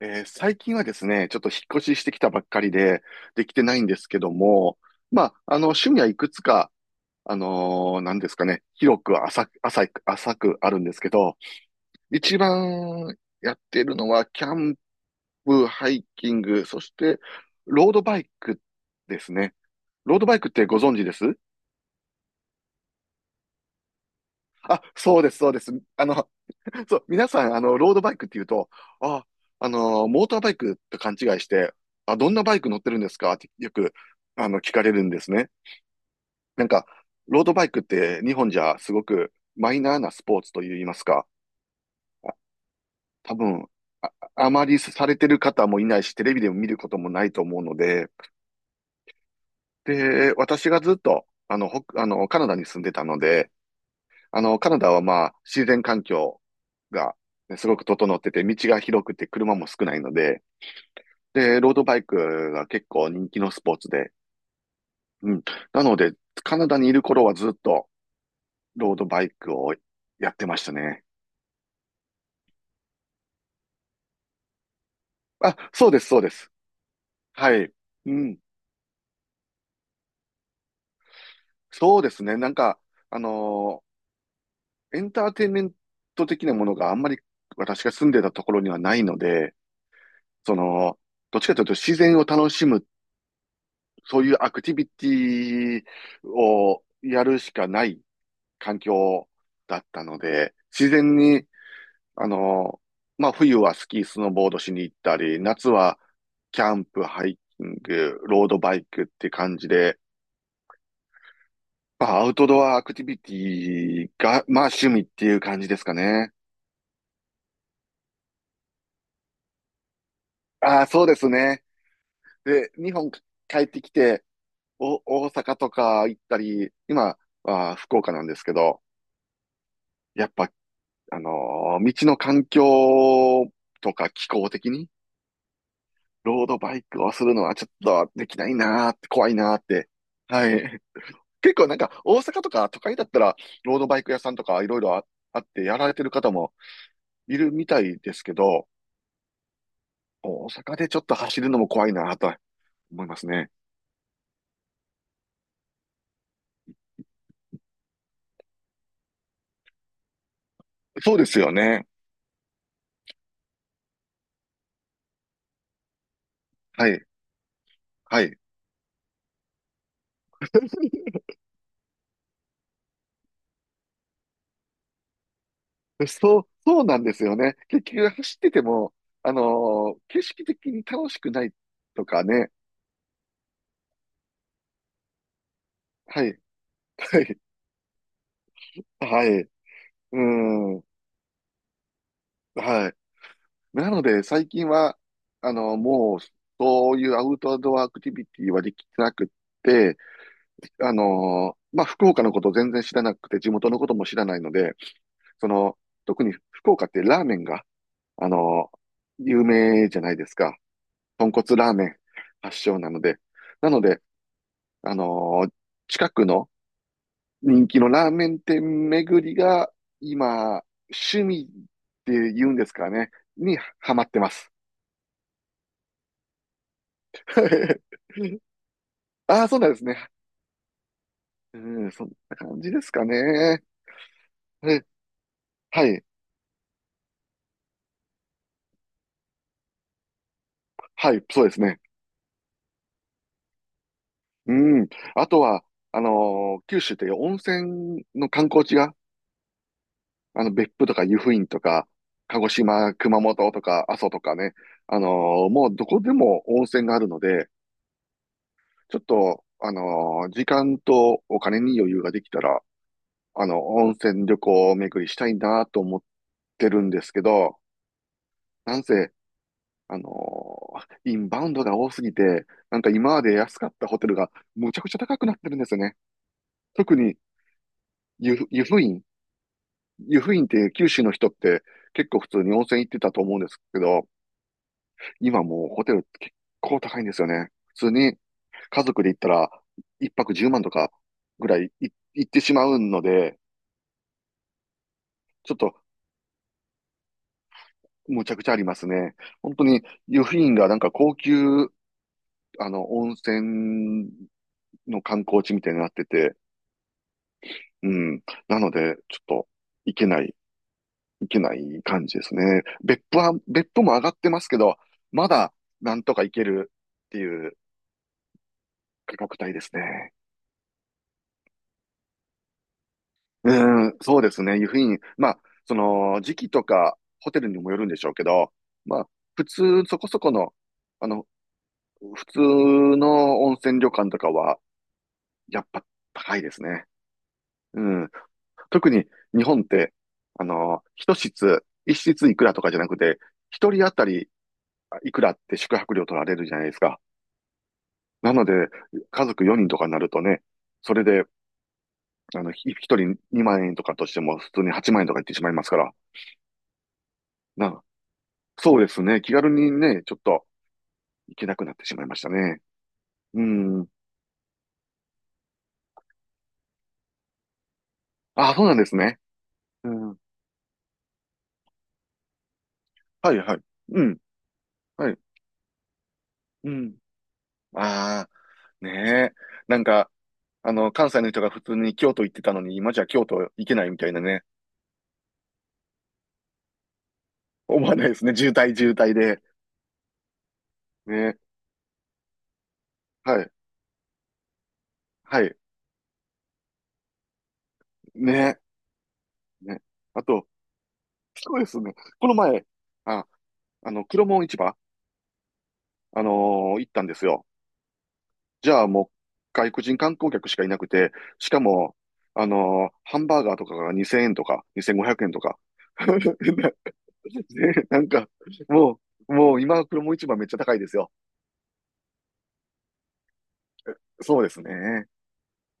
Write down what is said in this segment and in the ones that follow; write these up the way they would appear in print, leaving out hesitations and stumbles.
最近はですね、ちょっと引っ越ししてきたばっかりで、できてないんですけども、まあ、あの、趣味はいくつか、なんですかね、広く浅く、あるんですけど、一番やってるのは、キャンプ、ハイキング、そして、ロードバイクですね。ロードバイクってご存知です、そうです、そうです。あの、そう、皆さん、あの、ロードバイクって言うと、あ、モーターバイクと勘違いして、あ、どんなバイク乗ってるんですかってよく、あの、聞かれるんですね。なんか、ロードバイクって日本じゃすごくマイナーなスポーツと言いますか、あ多分、あ、あまりされてる方もいないし、テレビでも見ることもないと思うので、で、私がずっと、あの、カナダに住んでたので、あの、カナダはまあ、自然環境がね、すごく整ってて、道が広くて車も少ないので、で、ロードバイクが結構人気のスポーツで、うん。なので、カナダにいる頃はずっとロードバイクをやってましたね。あ、そうです、そうです。はい。うん。そうですね。なんか、あのエンターテインメント的なものがあんまり私が住んでたところにはないので、その、どっちかというと自然を楽しむ、そういうアクティビティをやるしかない環境だったので、自然にあの、まあ、冬はスキー、スノーボードしに行ったり、夏はキャンプ、ハイキング、ロードバイクって感じで、まあ、アウトドアアクティビティが、まあ、趣味っていう感じですかね。ああ、そうですね。で、日本帰ってきて、お、大阪とか行ったり、今は福岡なんですけど、やっぱ、道の環境とか気候的に、ロードバイクをするのはちょっとできないなーって、怖いなーって。はい。結構なんか大阪とか都会だったらロードバイク屋さんとかいろいろあってやられてる方もいるみたいですけど、大阪でちょっと走るのも怖いなと思いますね。そうですよね。はい。はい。そう、そうなんですよね。結局走ってても、景色的に楽しくないとかね。はい。はい。はい。うん。はい。なので最近は、もうそういうアウトドアアクティビティはできてなくって、まあ、福岡のことを全然知らなくて、地元のことも知らないので、その、特に福岡ってラーメンが、あのー有名じゃないですか。豚骨ラーメン発祥なので。なので、あのー近くの人気のラーメン店巡りが、今、趣味って言うんですかね、にハマってます。ああ、そうなんですね。うん、そんな感じですかね。えはい、はい、そうですね。うん。あとは、九州って温泉の観光地が、あの、別府とか湯布院とか、鹿児島、熊本とか、阿蘇とかね、もうどこでも温泉があるので、ちょっと、時間とお金に余裕ができたら、あの、温泉旅行巡りしたいなと思ってるんですけど、なんせ、あのーインバウンドが多すぎて、なんか今まで安かったホテルがむちゃくちゃ高くなってるんですよね。特に湯布院湯布院って九州の人って結構普通に温泉行ってたと思うんですけど、今もうホテル結構高いんですよね。普通に家族で行ったら一泊10万とかぐらい行ってしまうので、ちょっとむちゃくちゃありますね。本当に湯布院がなんか高級、あの、温泉の観光地みたいになってて、うん。なので、ちょっと行けない、行けない感じですね。別府は、別府も上がってますけど、まだなんとか行けるっていう価格帯ですね。うん、そうですね。湯布院。まあ、その、時期とか、ホテルにもよるんでしょうけど、まあ、普通、そこそこの、あの、普通の温泉旅館とかは、やっぱ高いですね。うん。特に、日本って、あの、一室いくらとかじゃなくて、一人当たりいくらって宿泊料取られるじゃないですか。なので、家族4人とかになるとね、それで、あの、一人2万円とかとしても、普通に8万円とかいってしまいますから、な、そうですね。気軽にね、ちょっと行けなくなってしまいましたね。うん。あ、そうなんですね。うん。はいはい。うん。はい。うん。ああ、ねえ。なんか、あの、関西の人が普通に京都行ってたのに、今じゃ京都行けないみたいなね。思わないですね。渋滞渋滞で。ねえ。はい。はい。ねえ。ね。あと、そうですね。この前、あ、あの、黒門市場、行ったんですよ。じゃあもう外国人観光客しかいなくて、しかも、ハンバーガーとかが2000円とか、2500円とか。なんか、ももう今、黒も市場めっちゃ高いですよ。そうですね。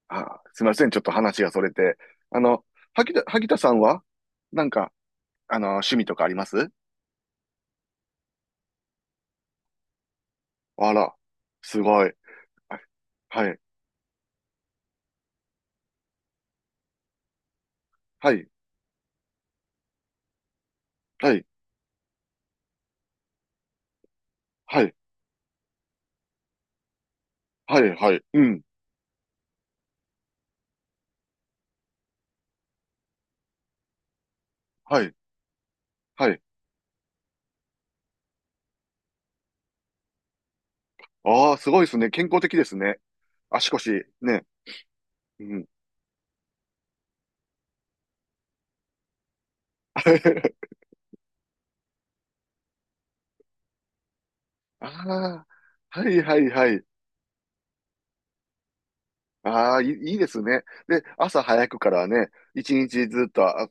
あ、すみません。ちょっと話がそれて。あの、萩田さんは、なんか、あの、趣味とかありますあら、すごい。あはい、はい、はい、はい、はい、はい、うん、はい、はい。ああ、すごいですね。健康的ですね。足腰、ね。うん。ああ、はいはいはい。ああ、いい、いいですね。で、朝早くからね、一日ずっとあ、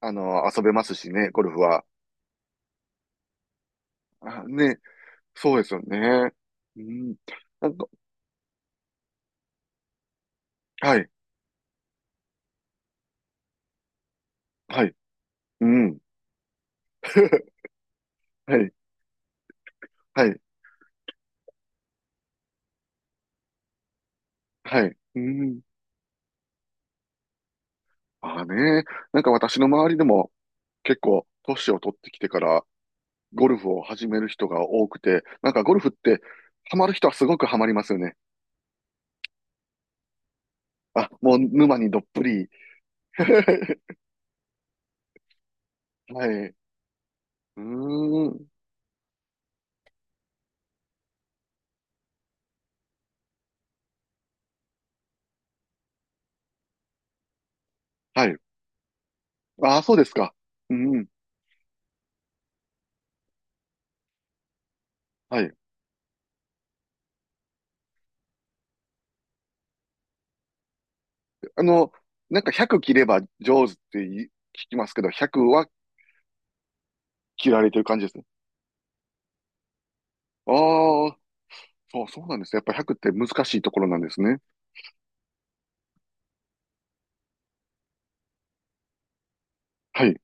あの、遊べますしね、ゴルフは。あ、ね、そうですよね。うん。なんか、はい、はい、うん。はい、はい、はい、うん。ああね、なんか私の周りでも結構、年を取ってきてから、ゴルフを始める人が多くて、なんかゴルフって、ハマる人はすごくハマりますよね。あ、もう沼にどっぷり。はい。うーん。はい。ああ、そうですか。うん。はい。あの、なんか100切れば上手ってい聞きますけど、100は切られてる感じですね。ああ、そうなんですね。やっぱ100って難しいところなんですね。はい。う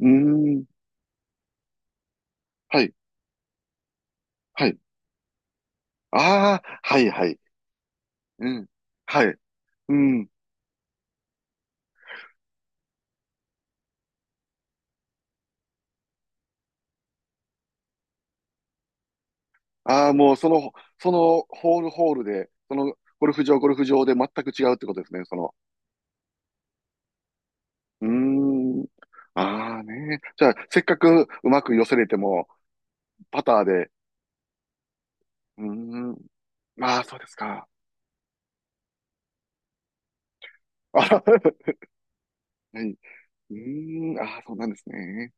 ーん。はい。はい。ああ、はい、はい。うん。はい。うん。ああ、もうその、そのホールホールで、ゴルフ場で全く違うってことですね。そのうーん。ああね。じゃあ、せっかくうまく寄せれても、パターで。うーん。まあ、そうですか。あ、はい。うーん。ああ、そうなんですね。